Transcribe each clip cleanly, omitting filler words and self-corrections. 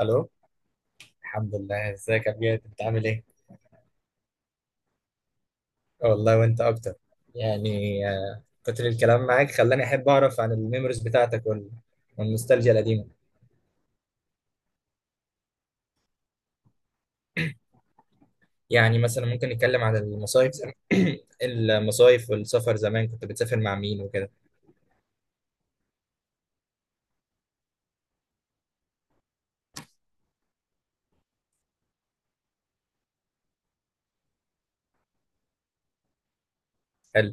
الو. الحمد لله، ازيك يا بجد، انت عامل ايه؟ والله وانت اكتر. يعني كتر الكلام معاك خلاني احب اعرف عن الميموريز بتاعتك والنوستالجيا القديمه. يعني مثلا ممكن نتكلم عن المصايف المصايف والسفر زمان، كنت بتسافر مع مين وكده؟ حلو.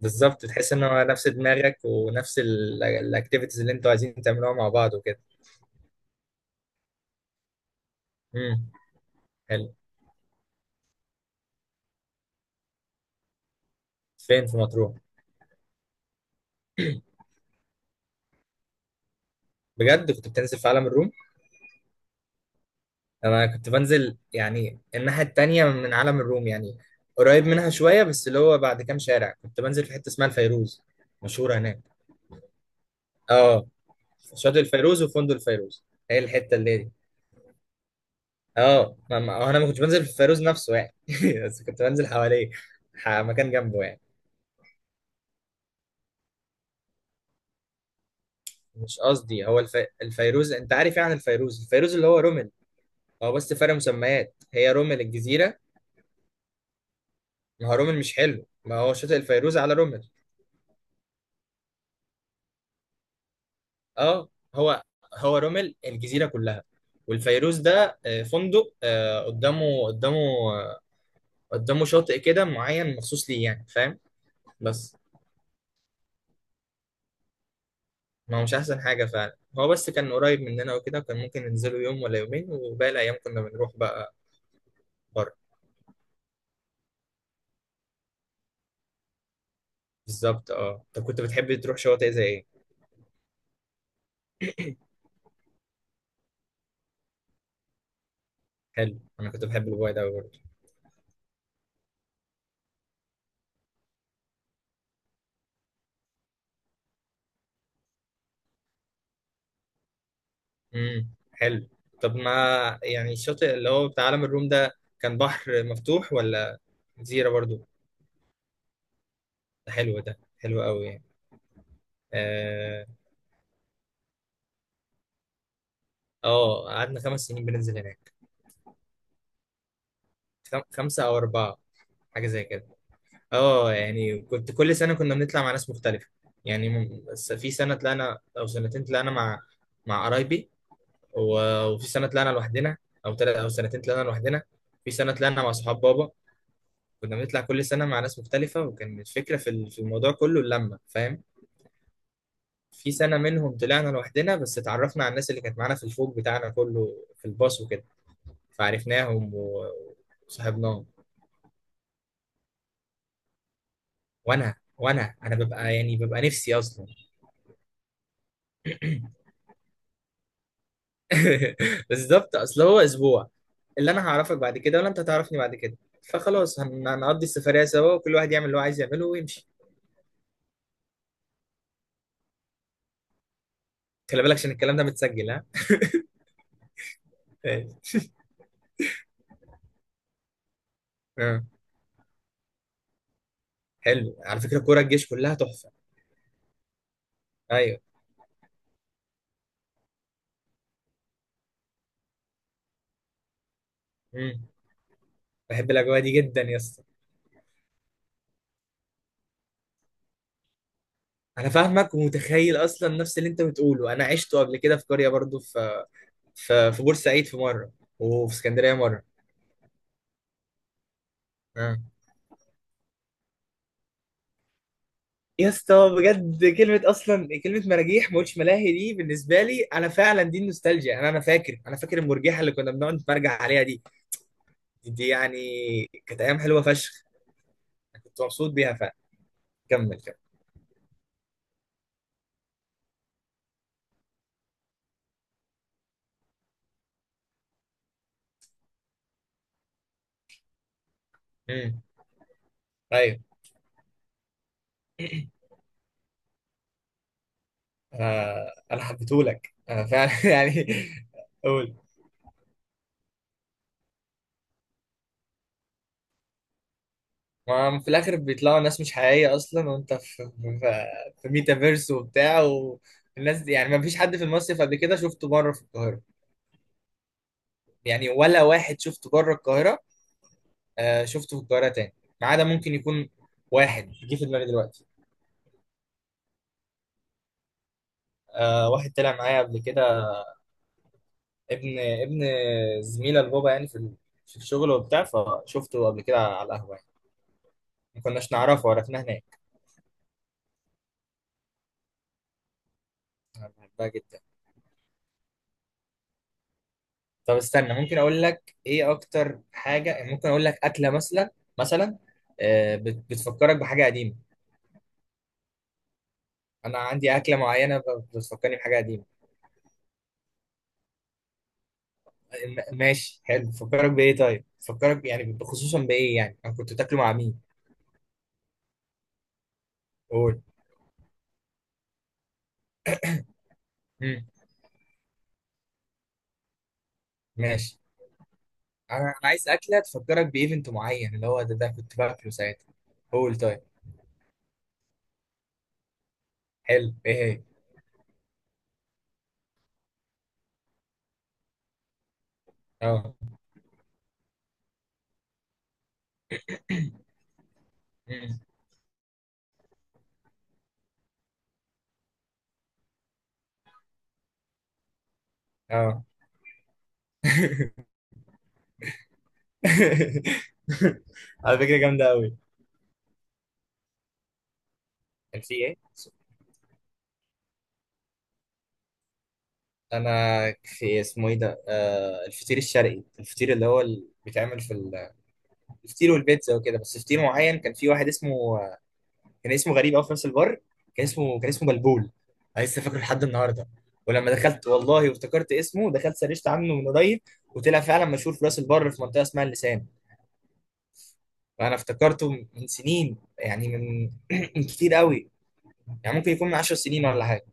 بالظبط، تحس ان هو نفس دماغك ونفس الاكتيفيتيز اللي انتوا عايزين تعملوها مع بعض وكده. امم حلو. فين في مطروح؟ بجد كنت بتنزل في عالم الروم؟ انا كنت بنزل يعني الناحيه التانيه من عالم الروم، يعني قريب منها شويه، بس اللي هو بعد كام شارع. كنت بنزل في حته اسمها الفيروز، مشهوره هناك. اه، شاطئ الفيروز وفندق الفيروز، هي الحته اللي دي. اه، انا ما كنتش بنزل في الفيروز نفسه يعني، بس كنت بنزل حواليه، مكان جنبه يعني. مش قصدي، هو الفيروز انت عارف، يعني الفيروز، اللي هو رومل. هو بس فرق مسميات، هي رومل الجزيره. ما هو رومل مش حلو، ما هو شاطئ الفيروز على رومل. اه، هو هو رومل الجزيره كلها. والفيروز ده فندق، قدامه، قدامه شاطئ كده معين مخصوص ليه، يعني فاهم؟ بس. ما هو مش احسن حاجه فعلا، هو بس كان قريب مننا وكده، وكان ممكن ننزله يوم ولا يومين وباقي الايام كنا بنروح بقى. بره. بالظبط، اه. طب كنت بتحب تروح شواطئ زي ايه؟ حلو، انا كنت بحب الواي ده برضه. حلو. طب ما يعني الشاطئ اللي هو بتاع عالم الروم ده، كان بحر مفتوح ولا جزيره برضه؟ ده حلو، ده حلو قوي. اه. قعدنا خمس سنين بننزل هناك. خمسة أو أربعة، حاجة زي كده. اه، يعني كنت كل سنة، كنا بنطلع مع ناس مختلفة. بس في سنة طلعنا أو سنتين طلعنا مع مع قرايبي، وفي سنة طلعنا لوحدنا، أو تلات أو سنتين طلعنا لوحدنا. في سنة طلعنا مع صحاب بابا. كنا بنطلع كل سنة مع ناس مختلفة، وكان الفكرة في في الموضوع كله اللمة، فاهم؟ في سنة منهم طلعنا لوحدنا، بس اتعرفنا على الناس اللي كانت معانا في الفوج بتاعنا كله، في الباص وكده، فعرفناهم و- وصاحبناهم. وانا انا ببقى يعني ببقى نفسي اصلا. بالظبط، اصل هو اسبوع، اللي انا هعرفك بعد كده ولا انت هتعرفني بعد كده، فخلاص هنقضي السفرية سوا، وكل واحد يعمل اللي هو عايز يعمله ويمشي. خلي بالك عشان الكلام ده متسجل، ها. أيوة. آه. حلو، على فكرة كورة الجيش كلها تحفة. ايوه. مم. بحب الاجواء دي جدا يا اسطى. انا فاهمك ومتخيل، اصلا نفس اللي انت بتقوله انا عشته قبل كده في قرية برضو، في في بورسعيد في مرة، وفي اسكندرية مرة. آه. يا اسطى بجد كلمة، أصلا كلمة مراجيح، ما قلتش ملاهي، دي بالنسبة لي أنا فعلا دي النوستالجيا. أنا فاكر، أنا فاكر المرجيحة اللي كنا بنقعد نتمرجع عليها دي. دي يعني كانت أيام حلوة فشخ، أنا كنت مبسوط بيها فعلا. كمل، كمل. امم أيوه. أنا حبيتهولك أنا فعلا يعني. قول. ما هم في الآخر بيطلعوا ناس مش حقيقية أصلا، وأنت في في, في ميتافيرس وبتاع، والناس دي يعني ما فيش حد في المصيف قبل كده شفته بره في القاهرة، يعني ولا واحد شفته بره القاهرة. آه، شفته في القاهرة تاني، ما عدا ممكن يكون واحد جه في دماغي دلوقتي. آه، واحد طلع معايا قبل كده، ابن زميلة البابا يعني في في الشغل وبتاع، فشفته قبل كده على القهوة يعني، ما كناش نعرفه، عرفناه هناك. أنا بحبها جدا. طب استنى، ممكن أقول لك إيه أكتر حاجة، يعني ممكن أقول لك أكلة مثلا. مثلا، آه بتفكرك بحاجة قديمة. أنا عندي أكلة معينة بتفكرني بحاجة قديمة. ماشي، حلو، بتفكرك بإيه طيب؟ بتفكرك يعني خصوصا بإيه يعني؟ أنا كنت بتاكله مع مين؟ قول. ماشي، انا أنا عايز اكله تفكرك بايفنت معين، اللي هو ده ده كنت باكله ساعتها. قول طيب. حلو، ايه هي؟ اه. مم. اه. على فكره جامده قوي. كان في ايه؟ انا في اسمه ايه ده، آه الفطير الشرقي، الفطير اللي هو اللي بيتعمل في الفطير والبيتزا وكده، بس فطير معين كان في واحد اسمه، كان اسمه غريب قوي في نفس البر، كان اسمه بلبول. انا لسه فاكره لحد النهارده، ولما دخلت والله وافتكرت اسمه، دخلت سرشت عنه من قريب، وطلع فعلا مشهور في راس البر في منطقه اسمها اللسان. وانا افتكرته من سنين، يعني من من كتير قوي، يعني ممكن يكون من 10 سنين ولا حاجه.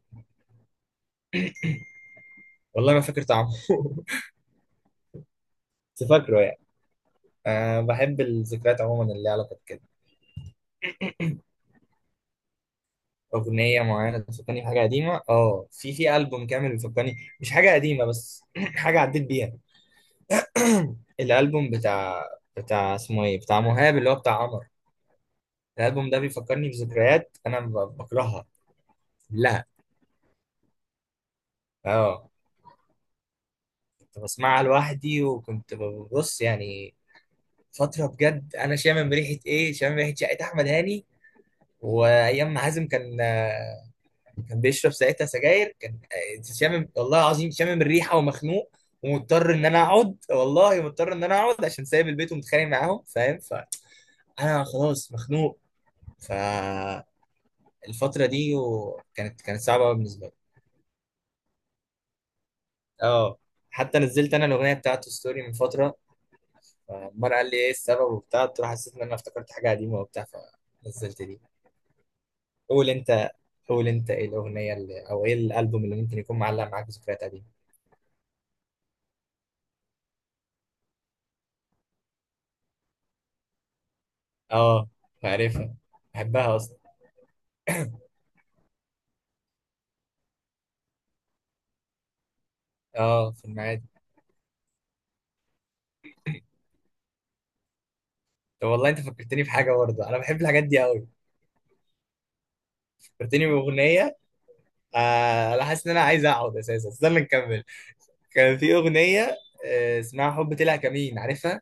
والله ما فاكر طعمه بس فاكره يعني. أه، بحب الذكريات عموما اللي ليها علاقه بكده. أغنية معينة بتفكرني بحاجة قديمة؟ آه، في في ألبوم كامل بيفكرني، مش حاجة قديمة بس، حاجة عديت بيها. الالبوم بتاع، بتاع اسمه ايه، بتاع مهاب اللي هو بتاع قمر. الالبوم ده بيفكرني بذكريات انا بكرهها كلها. اه. كنت بسمعها لوحدي، وكنت ببص يعني. فتره بجد انا شامم ريحه ايه، شامم ريحه شقه احمد هاني، وايام ما حازم كان كان بيشرب ساعتها سجاير، كان شامم والله العظيم شامم الريحه ومخنوق، ومضطر ان انا اقعد، والله مضطر ان انا اقعد عشان سايب البيت ومتخانق معاهم، فاهم؟ فانا خلاص مخنوق. ف الفترة دي كانت صعبة أوي بالنسبة لي. اه، حتى نزلت أنا الأغنية بتاعته ستوري من فترة، فعمار قال لي إيه السبب وبتاع، قلت له حسيت إن أنا افتكرت حاجة قديمة وبتاع، فنزلت دي. قول أنت، قول أنت إيه الأغنية اللي، أو إيه الألبوم اللي ممكن يكون معلق معاك ذكريات قديمة. اه، عارفها، بحبها أصلا. اه، في المعادي. طب والله أنت فكرتني بحاجة برضه، أنا بحب الحاجات دي أوي. فكرتني بأغنية. آه أنا حاسس إن أنا عايز أقعد أساسا، استنى نكمل. كان في أغنية، اسمها حب طلع كمين، عارفها؟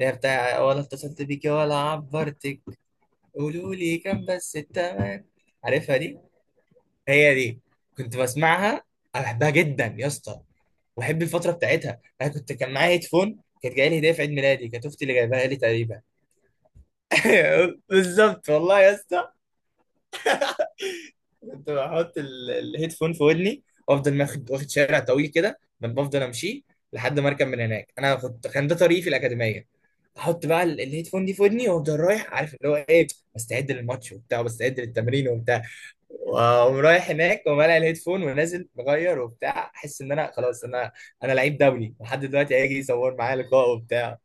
اللي هي بتاع ولا اتصلت بيكي ولا عبرتك، قولوا لي كام بس التمن. عارفها دي، هي دي. كنت بسمعها، انا بحبها جدا يا اسطى، وبحب الفتره بتاعتها. انا كنت كان معايا هيدفون كانت جايه لي هديه في عيد ميلادي، كانت اختي اللي جايبها لي تقريبا. بالظبط والله يا اسطى. كنت بحط الهيدفون في ودني، وافضل واخد شارع طويل كده ما بفضل امشيه لحد ما اركب من هناك. انا كنت، كان ده طريقي في الاكاديميه. احط بقى الهيدفون دي في ودني، وافضل رايح عارف اللي هو ايه، بستعد للماتش وبتاع، وبستعد للتمرين وبتاع، واقوم رايح هناك ومالع الهيدفون، ونازل مغير وبتاع، احس ان انا خلاص انا، انا لعيب دولي لحد دلوقتي هيجي يصور معايا لقاء وبتاع.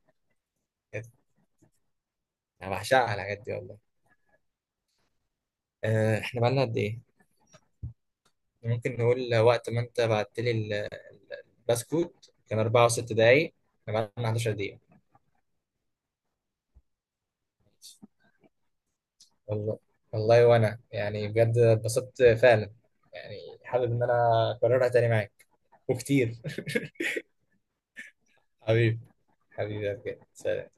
كده. انا بعشقها الحاجات دي والله. احنا بقالنا قد ايه؟ ممكن نقول وقت ما انت بعت لي البسكوت، كان 4 و6 دقايق، كان معانا 11 دقيقة. والله. والله وانا يعني بجد اتبسطت فعلا، يعني حابب ان انا اكررها تاني معاك وكتير. حبيبي، حبيبي بجد.